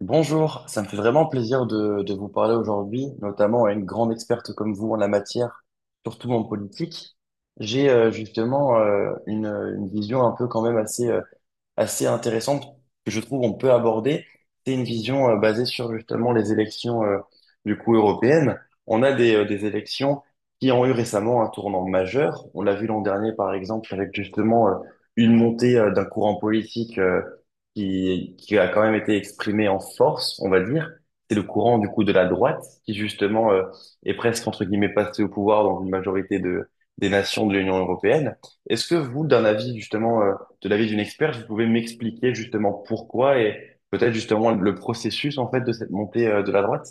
Bonjour, ça me fait vraiment plaisir de vous parler aujourd'hui, notamment à une grande experte comme vous en la matière, surtout en politique. J'ai justement une vision un peu quand même assez assez intéressante que je trouve on peut aborder. C'est une vision basée sur justement les élections du coup européennes. On a des élections qui ont eu récemment un tournant majeur. On l'a vu l'an dernier par exemple avec justement une montée d'un courant politique qui a quand même été exprimé en force, on va dire. C'est le courant du coup de la droite qui justement est presque entre guillemets passé au pouvoir dans une majorité des nations de l'Union européenne. Est-ce que vous, d'un avis justement de l'avis d'une experte, vous pouvez m'expliquer justement pourquoi et peut-être justement le processus en fait de cette montée de la droite.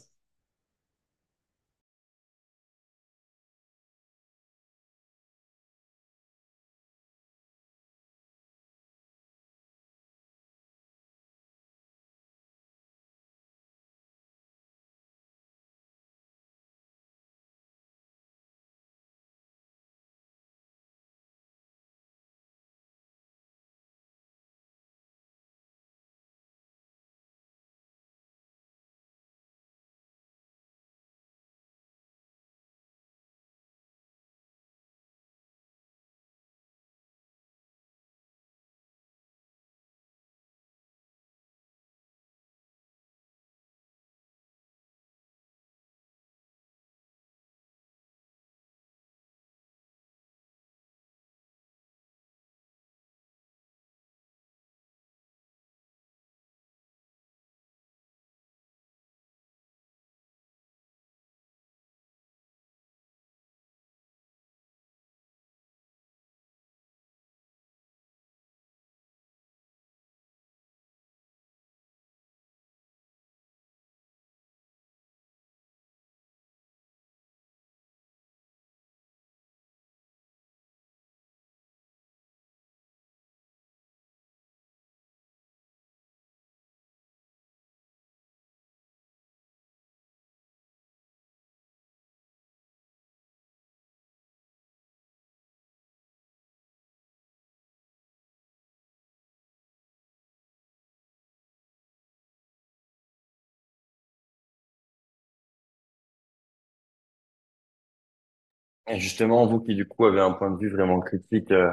Et justement, vous qui du coup avez un point de vue vraiment critique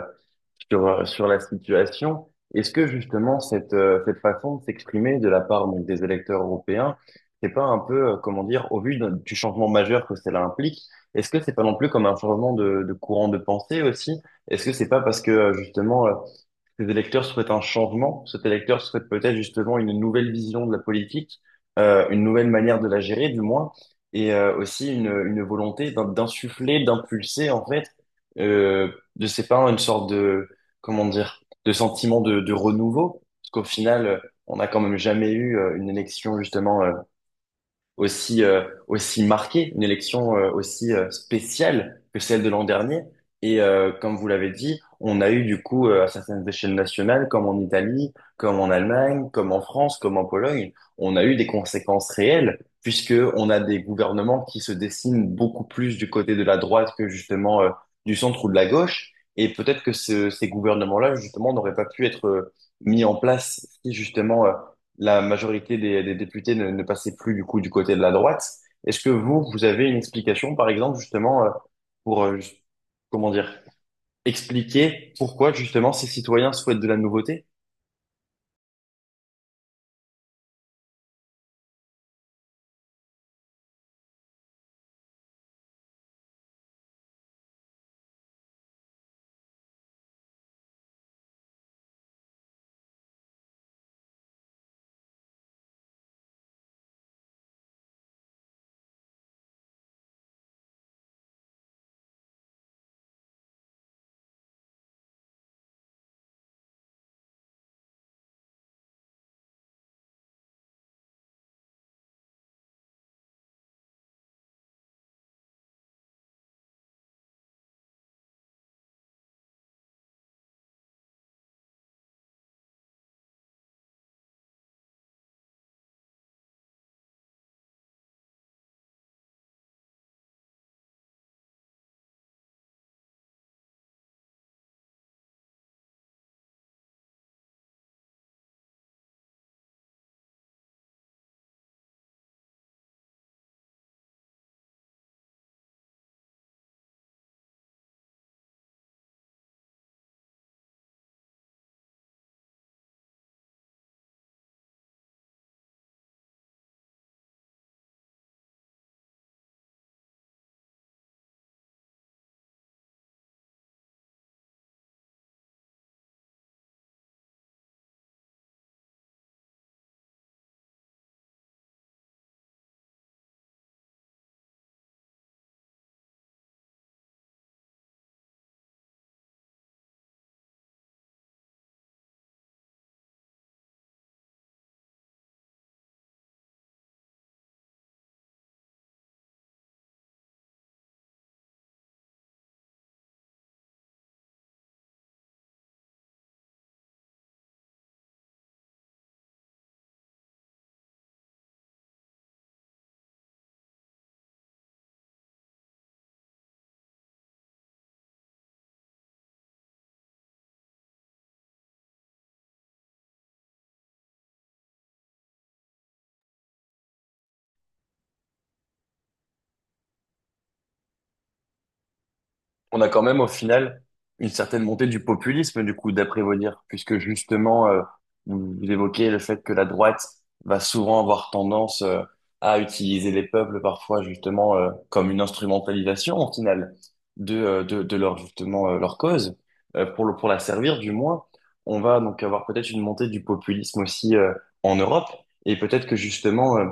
sur la situation, est-ce que justement cette façon de s'exprimer de la part donc des électeurs européens, c'est pas un peu comment dire au vu du changement majeur que cela implique, est-ce que c'est pas non plus comme un changement de courant de pensée aussi? Est-ce que c'est pas parce que justement ces électeurs souhaitent un changement. Cet électeur souhaite peut-être justement une nouvelle vision de la politique, une nouvelle manière de la gérer, du moins, et aussi une volonté d'insuffler, d'impulser, en fait, euh, de ses parents une sorte comment dire, de sentiment de renouveau. Parce qu'au final, on n'a quand même jamais eu une élection, justement, aussi, aussi marquée, une élection aussi spéciale que celle de l'an dernier. Et comme vous l'avez dit, on a eu du coup à certaines échelles nationales, comme en Italie, comme en Allemagne, comme en France, comme en Pologne, on a eu des conséquences réelles, puisque on a des gouvernements qui se dessinent beaucoup plus du côté de la droite que justement du centre ou de la gauche. Et peut-être que ces gouvernements-là, justement, n'auraient pas pu être mis en place si justement la majorité des députés ne passait plus du coup du côté de la droite. Est-ce que vous, vous avez une explication, par exemple, justement, pour, comment dire, expliquer pourquoi justement ces citoyens souhaitent de la nouveauté? On a quand même au final une certaine montée du populisme, du coup, d'après vos dires, puisque justement, vous évoquez le fait que la droite va souvent avoir tendance à utiliser les peuples parfois justement comme une instrumentalisation au final de, de leur justement leur cause, pour le, pour la servir du moins. On va donc avoir peut-être une montée du populisme aussi en Europe, et peut-être que justement,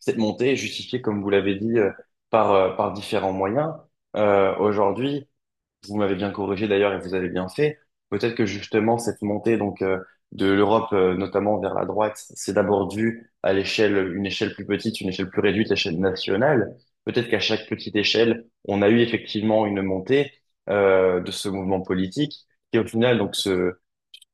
cette montée est justifiée, comme vous l'avez dit, par, par différents moyens. Aujourd'hui, vous m'avez bien corrigé d'ailleurs et vous avez bien fait. Peut-être que justement cette montée donc de l'Europe notamment vers la droite, c'est d'abord dû à l'échelle, une échelle plus petite, une échelle plus réduite, l'échelle nationale. Peut-être qu'à chaque petite échelle, on a eu effectivement une montée de ce mouvement politique qui au final donc se,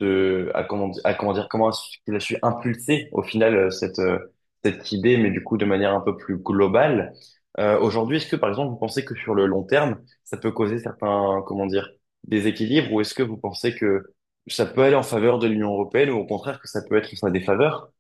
se- à à comment dire, comment est-ce qu'il a su impulser au final cette idée, mais du coup de manière un peu plus globale. Aujourd'hui, est-ce que par exemple vous pensez que sur le long terme ça peut causer certains, comment dire, déséquilibres, ou est-ce que vous pensez que ça peut aller en faveur de l'Union européenne, ou au contraire que ça peut être en sa défaveur?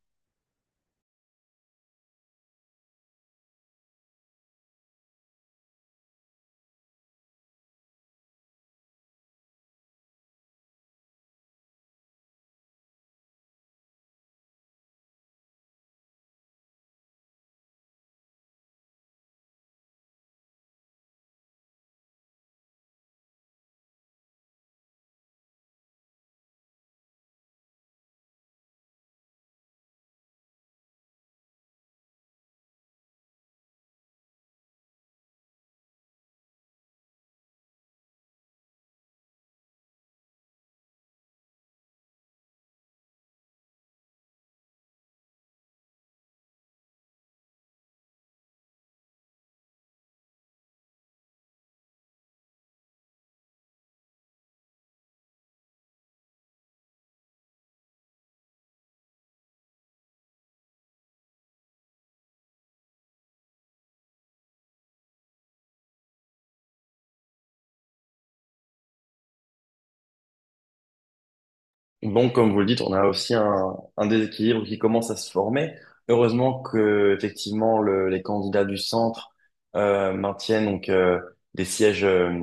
Donc, comme vous le dites, on a aussi un déséquilibre qui commence à se former. Heureusement que, effectivement, les candidats du centre maintiennent donc des sièges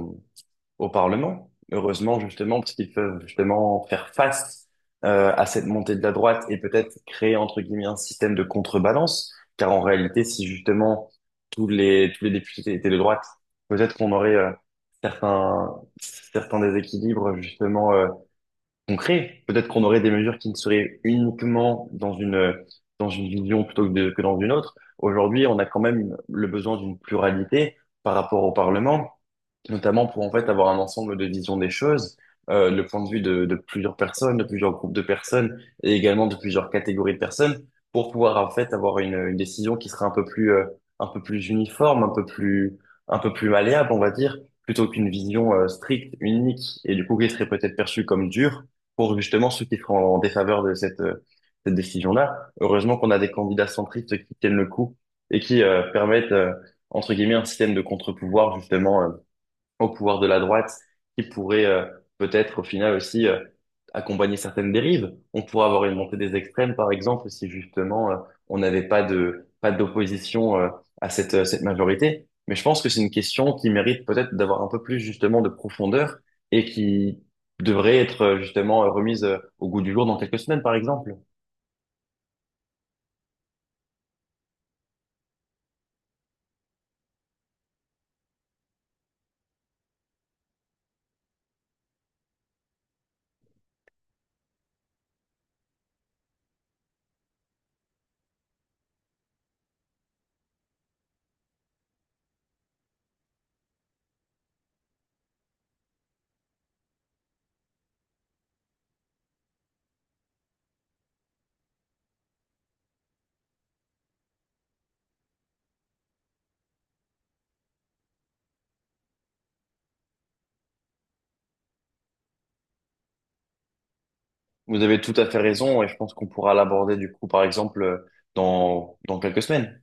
au Parlement. Heureusement, justement, parce qu'ils peuvent justement faire face à cette montée de la droite et peut-être créer, entre guillemets, un système de contrebalance. Car en réalité, si justement tous les députés étaient de droite, peut-être qu'on aurait certains, certains déséquilibres, justement, concrets. Peut-être qu'on aurait des mesures qui ne seraient uniquement dans une vision plutôt que, que dans une autre. Aujourd'hui, on a quand même le besoin d'une pluralité par rapport au Parlement notamment pour en fait avoir un ensemble de visions des choses, le point de vue de plusieurs personnes, de plusieurs groupes de personnes et également de plusieurs catégories de personnes pour pouvoir en fait avoir une décision qui sera un peu plus uniforme, un peu plus malléable, on va dire, plutôt qu'une vision stricte, unique et du coup qui serait peut-être perçue comme dure pour justement ceux qui seront en défaveur de cette décision-là. Heureusement qu'on a des candidats centristes qui tiennent le coup et qui permettent entre guillemets un système de contre-pouvoir justement au pouvoir de la droite qui pourrait peut-être au final aussi accompagner certaines dérives. On pourrait avoir une montée des extrêmes, par exemple, si justement on n'avait pas de pas d'opposition à cette majorité. Mais je pense que c'est une question qui mérite peut-être d'avoir un peu plus justement de profondeur et qui devrait être justement remise au goût du jour dans quelques semaines, par exemple. Vous avez tout à fait raison et je pense qu'on pourra l'aborder du coup, par exemple, dans quelques semaines.